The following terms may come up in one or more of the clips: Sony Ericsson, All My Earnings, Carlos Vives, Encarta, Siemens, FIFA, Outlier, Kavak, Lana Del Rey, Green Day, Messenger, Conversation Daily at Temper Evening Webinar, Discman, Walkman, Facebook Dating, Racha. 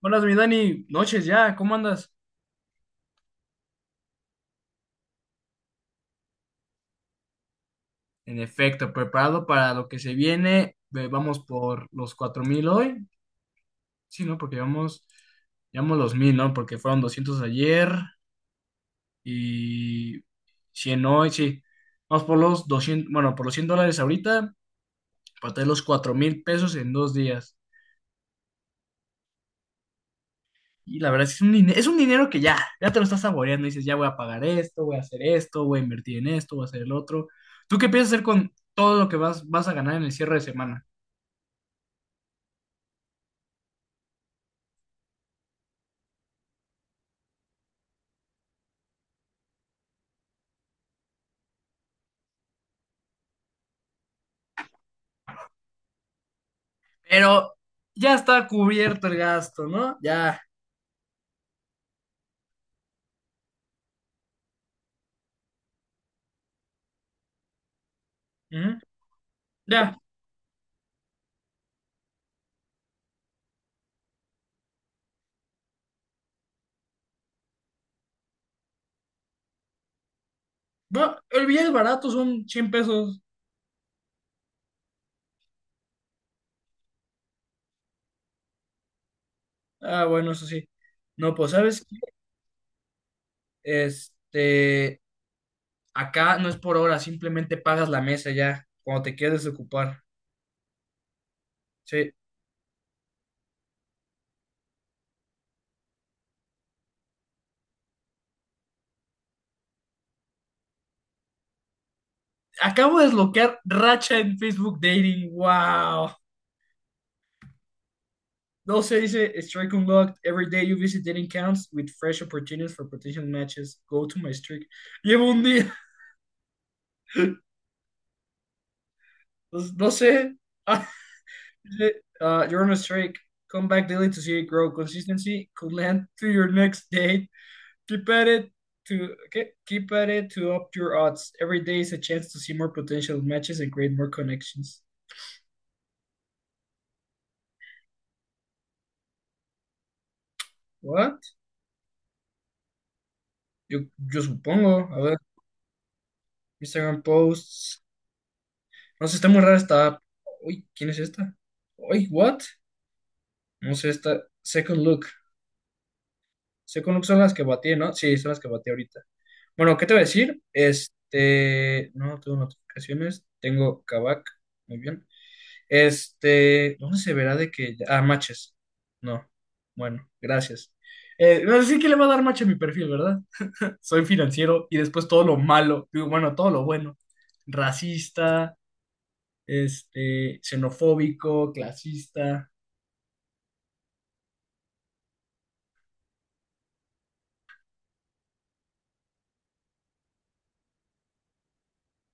Buenas, mi Dani, noches ya, ¿cómo andas? En efecto, preparado para lo que se viene. Vamos por los 4000 hoy. Sí, ¿no? Porque llevamos los 1000, ¿no? Porque fueron 200 ayer y 100 hoy, sí. Vamos por los 200, bueno, por los $100 ahorita, para tener los 4000 pesos en dos días. Y la verdad es que es un dinero que ya te lo estás saboreando. Dices, ya voy a pagar esto, voy a hacer esto, voy a invertir en esto, voy a hacer el otro. ¿Tú qué piensas hacer con todo lo que vas a ganar en el cierre de semana? Pero ya está cubierto el gasto, ¿no? Ya. Ujú. Ya. Bueno, no, el billete barato son 100 pesos. Ah, bueno, eso sí. No, pues, ¿sabes qué? Este, Acá no es por hora, simplemente pagas la mesa ya, cuando te quieres desocupar. Sí. Acabo de desbloquear Racha en Facebook Dating. ¡Wow! No se dice Strike Unlocked. Every day you visit Dating counts with fresh opportunities for potential matches. Go to my streak. Llevo un día. Pues, no sé. Is it, You're on a streak. Come back daily to see it grow. Consistency could land to your next date. Keep at it to okay Keep at it to up your odds. Every day is a chance to see more potential matches and create more connections. What? Yo, yo supongo. A ver, Instagram posts. No sé, está muy rara esta app. Uy, ¿quién es esta? Uy, what? No sé, esta. Second Look. Second Look son las que batí, ¿no? Sí, son las que batí ahorita. Bueno, ¿qué te voy a decir? No tengo notificaciones, tengo Kavak, muy bien. ¿Dónde se verá de que Ah, matches. No, bueno, gracias. No sé que le va a dar match a mi perfil, ¿verdad? Soy financiero y después todo lo malo, digo, bueno, todo lo bueno. Racista, xenofóbico, clasista.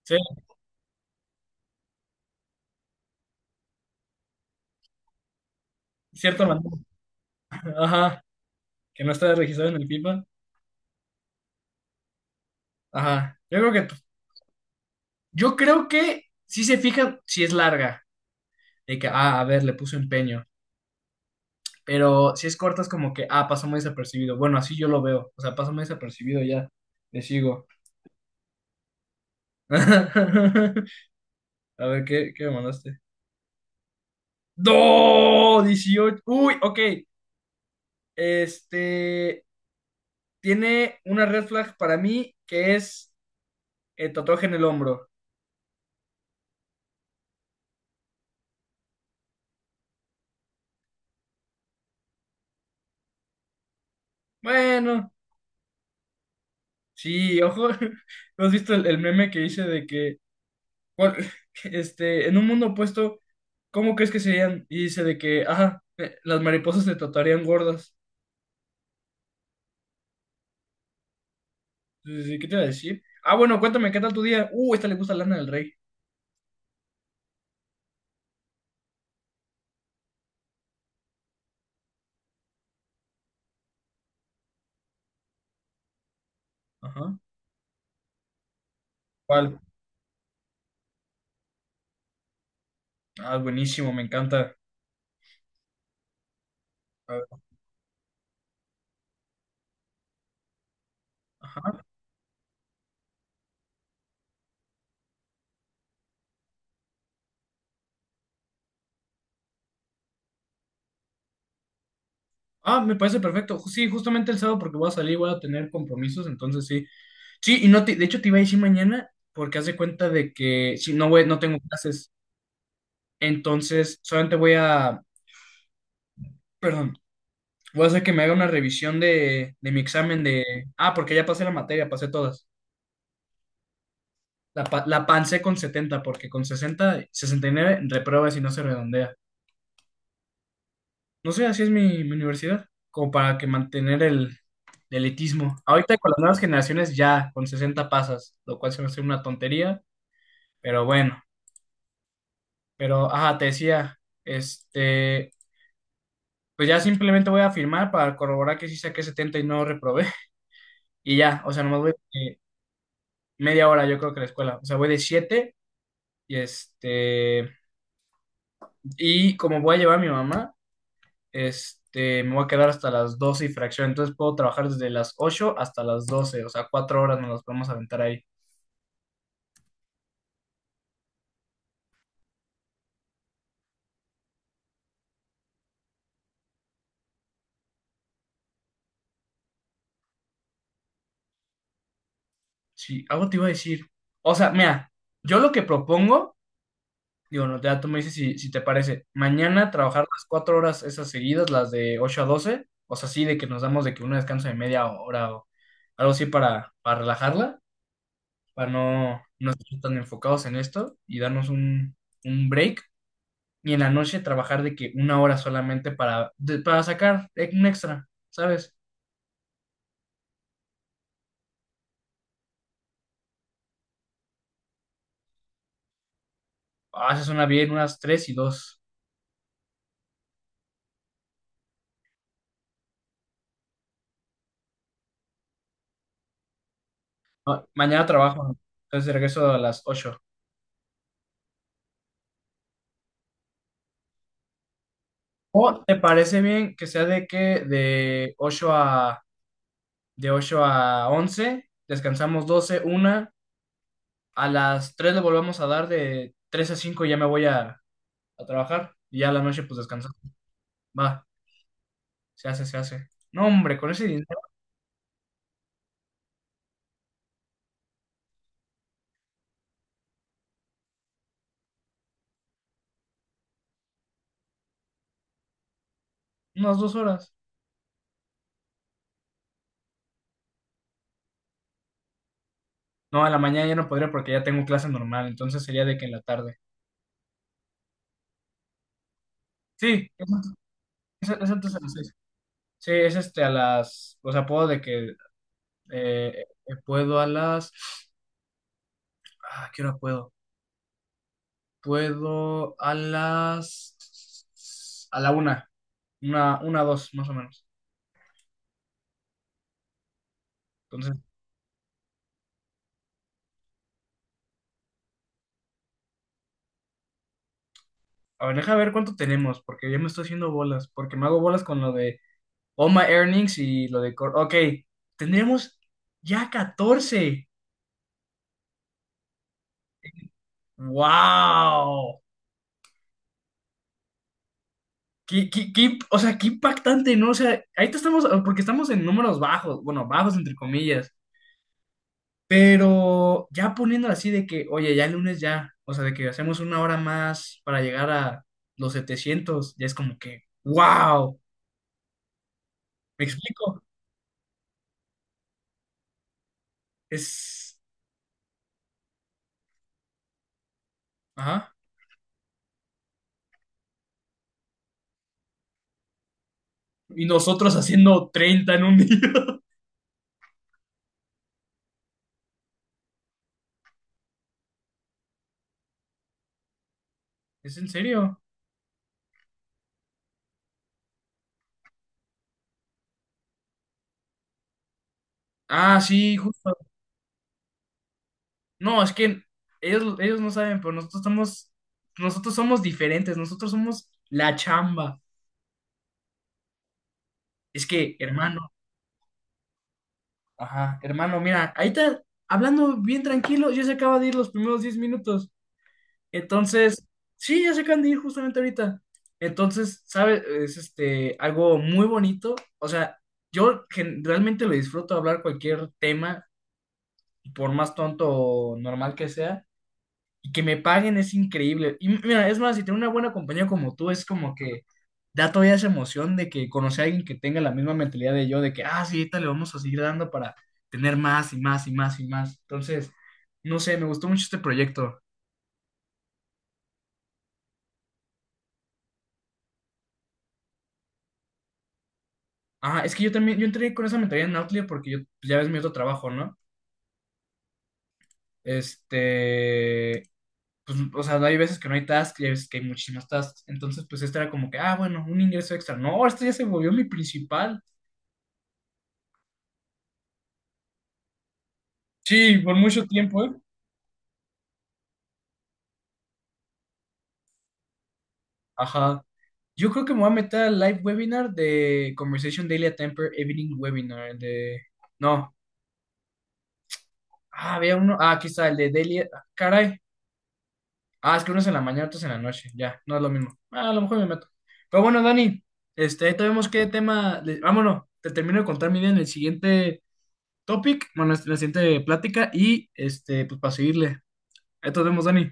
Sí, cierto, ajá, que no está registrado en el FIFA. Ajá, yo creo que si se fijan, si es larga. De que, ah, a ver, le puso empeño. Pero si es corto, es como que, ah, pasó muy desapercibido. Bueno, así yo lo veo. O sea, pasó muy desapercibido ya. Le sigo. A ver, ¿qué me mandaste? ¡No! 18. Uy, ok. Este. Tiene una red flag para mí que es el tatuaje en el hombro. Bueno, sí, ojo. ¿No has visto el meme que hice de que ¿cuál? En un mundo opuesto, ¿cómo crees que serían? Y dice de que, ajá, las mariposas te tratarían gordas. Entonces, ¿qué te iba a decir? Ah, bueno, cuéntame, ¿qué tal tu día? Esta le gusta Lana del Rey. Ajá. ¿Cuál? Ah, buenísimo, me encanta. A ver. Ajá. Ah, me parece perfecto. Sí, justamente el sábado porque voy a salir, voy a tener compromisos, entonces sí. Sí, y no te- de hecho te iba a decir mañana porque haz de cuenta de que si no voy, no tengo clases, entonces solamente voy a, perdón. Voy a hacer que me haga una revisión de mi examen de... Ah, porque ya pasé la materia, pasé todas. La pancé con 70 porque con 69 repruebas y no se redondea. No sé, así es mi universidad, como para que mantener el elitismo. Ahorita con las nuevas generaciones ya con 60 pasas, lo cual se me hace una tontería, pero bueno. Pero, ajá, te decía. Pues ya simplemente voy a firmar para corroborar que sí saqué 70 y no reprobé. Y ya, o sea, nomás media hora yo creo que a la escuela. O sea, voy de siete. Y este, y como voy a llevar a mi mamá, me voy a quedar hasta las 12 y fracción. Entonces puedo trabajar desde las 8 hasta las doce, o sea, cuatro horas nos las podemos aventar ahí. Sí, algo te iba a decir. O sea, mira, yo lo que propongo, digo, no, ya tú me dices si te parece, mañana trabajar las cuatro horas esas seguidas, las de 8 a doce, o sea, sí, de que nos damos de que un descanso de media hora o algo así para relajarla, para no estar tan enfocados en esto y darnos un break y en la noche trabajar de que una hora solamente para sacar un extra, ¿sabes? Ah, se suena bien, unas tres y dos. Ah, mañana trabajo, entonces regreso a las ocho. ¿O te parece bien que sea de que de ocho a once descansamos 12 una, a las 3 le volvemos a dar de 3 a 5. Ya me voy a trabajar y ya a la noche pues descansamos. Va, se hace, se hace. No, hombre, con ese dinero, unas dos horas. No, a la mañana ya no podría porque ya tengo clase normal, entonces sería de que en la tarde. Sí, es antes de las seis. Sí, es este a las, o sea, puedo de que puedo a las, ah, ¿qué hora puedo? Puedo a la una, una, dos, más o menos. Entonces, a ver, deja ver cuánto tenemos, porque ya me estoy haciendo bolas, porque me hago bolas con lo de All My Earnings y lo de, ok, tendremos ya 14. ¡Wow! O sea, qué impactante, ¿no? O sea, ahorita estamos, porque estamos en números bajos, bueno, bajos entre comillas, pero ya poniéndolo así de que, oye, ya el lunes ya, o sea, de que hacemos una hora más para llegar a los 700, ya es como que, wow, ¿me explico? Es, ajá, y nosotros haciendo 30 en un día. ¿Es en serio? Ah, sí, justo. No, es que ellos no saben, pero nosotros somos diferentes, nosotros somos la chamba. Es que, hermano. Ajá, hermano, mira, ahí está hablando bien tranquilo, ya se acaba de ir los primeros 10 minutos. Entonces, sí, ya se acaban de ir justamente ahorita. Entonces, ¿sabes? Es algo muy bonito. O sea, yo realmente lo disfruto hablar cualquier tema, por más tonto o normal que sea, y que me paguen es increíble. Y mira, es más, si tengo una buena compañía como tú, es como que da todavía esa emoción de que conocer a alguien que tenga la misma mentalidad de yo, de que, ah, sí, ahorita le vamos a seguir dando para tener más y más y más y más. Entonces, no sé, me gustó mucho este proyecto. Ah, es que yo también, yo entré con esa mentalidad en Outlier porque yo, pues, ya ves mi otro trabajo, ¿no? Este, pues, o sea, hay veces que no hay tasks y hay veces que hay muchísimas tasks. Entonces, pues, este era como que, ah, bueno, un ingreso extra. No, este ya se volvió mi principal. Sí, por mucho tiempo, ¿eh? Ajá. Yo creo que me voy a meter al live webinar de Conversation Daily at Temper Evening Webinar. El de... No. Ah, había uno. Ah, aquí está, el de Daily. Caray. Ah, es que uno es en la mañana, otro es en la noche. Ya, no es lo mismo. Ah, a lo mejor me meto. Pero bueno, Dani, ahorita vemos qué tema. Vámonos. Te termino de contar mi idea en el siguiente topic, bueno, en la siguiente plática y pues para seguirle. Ahí nos vemos, Dani.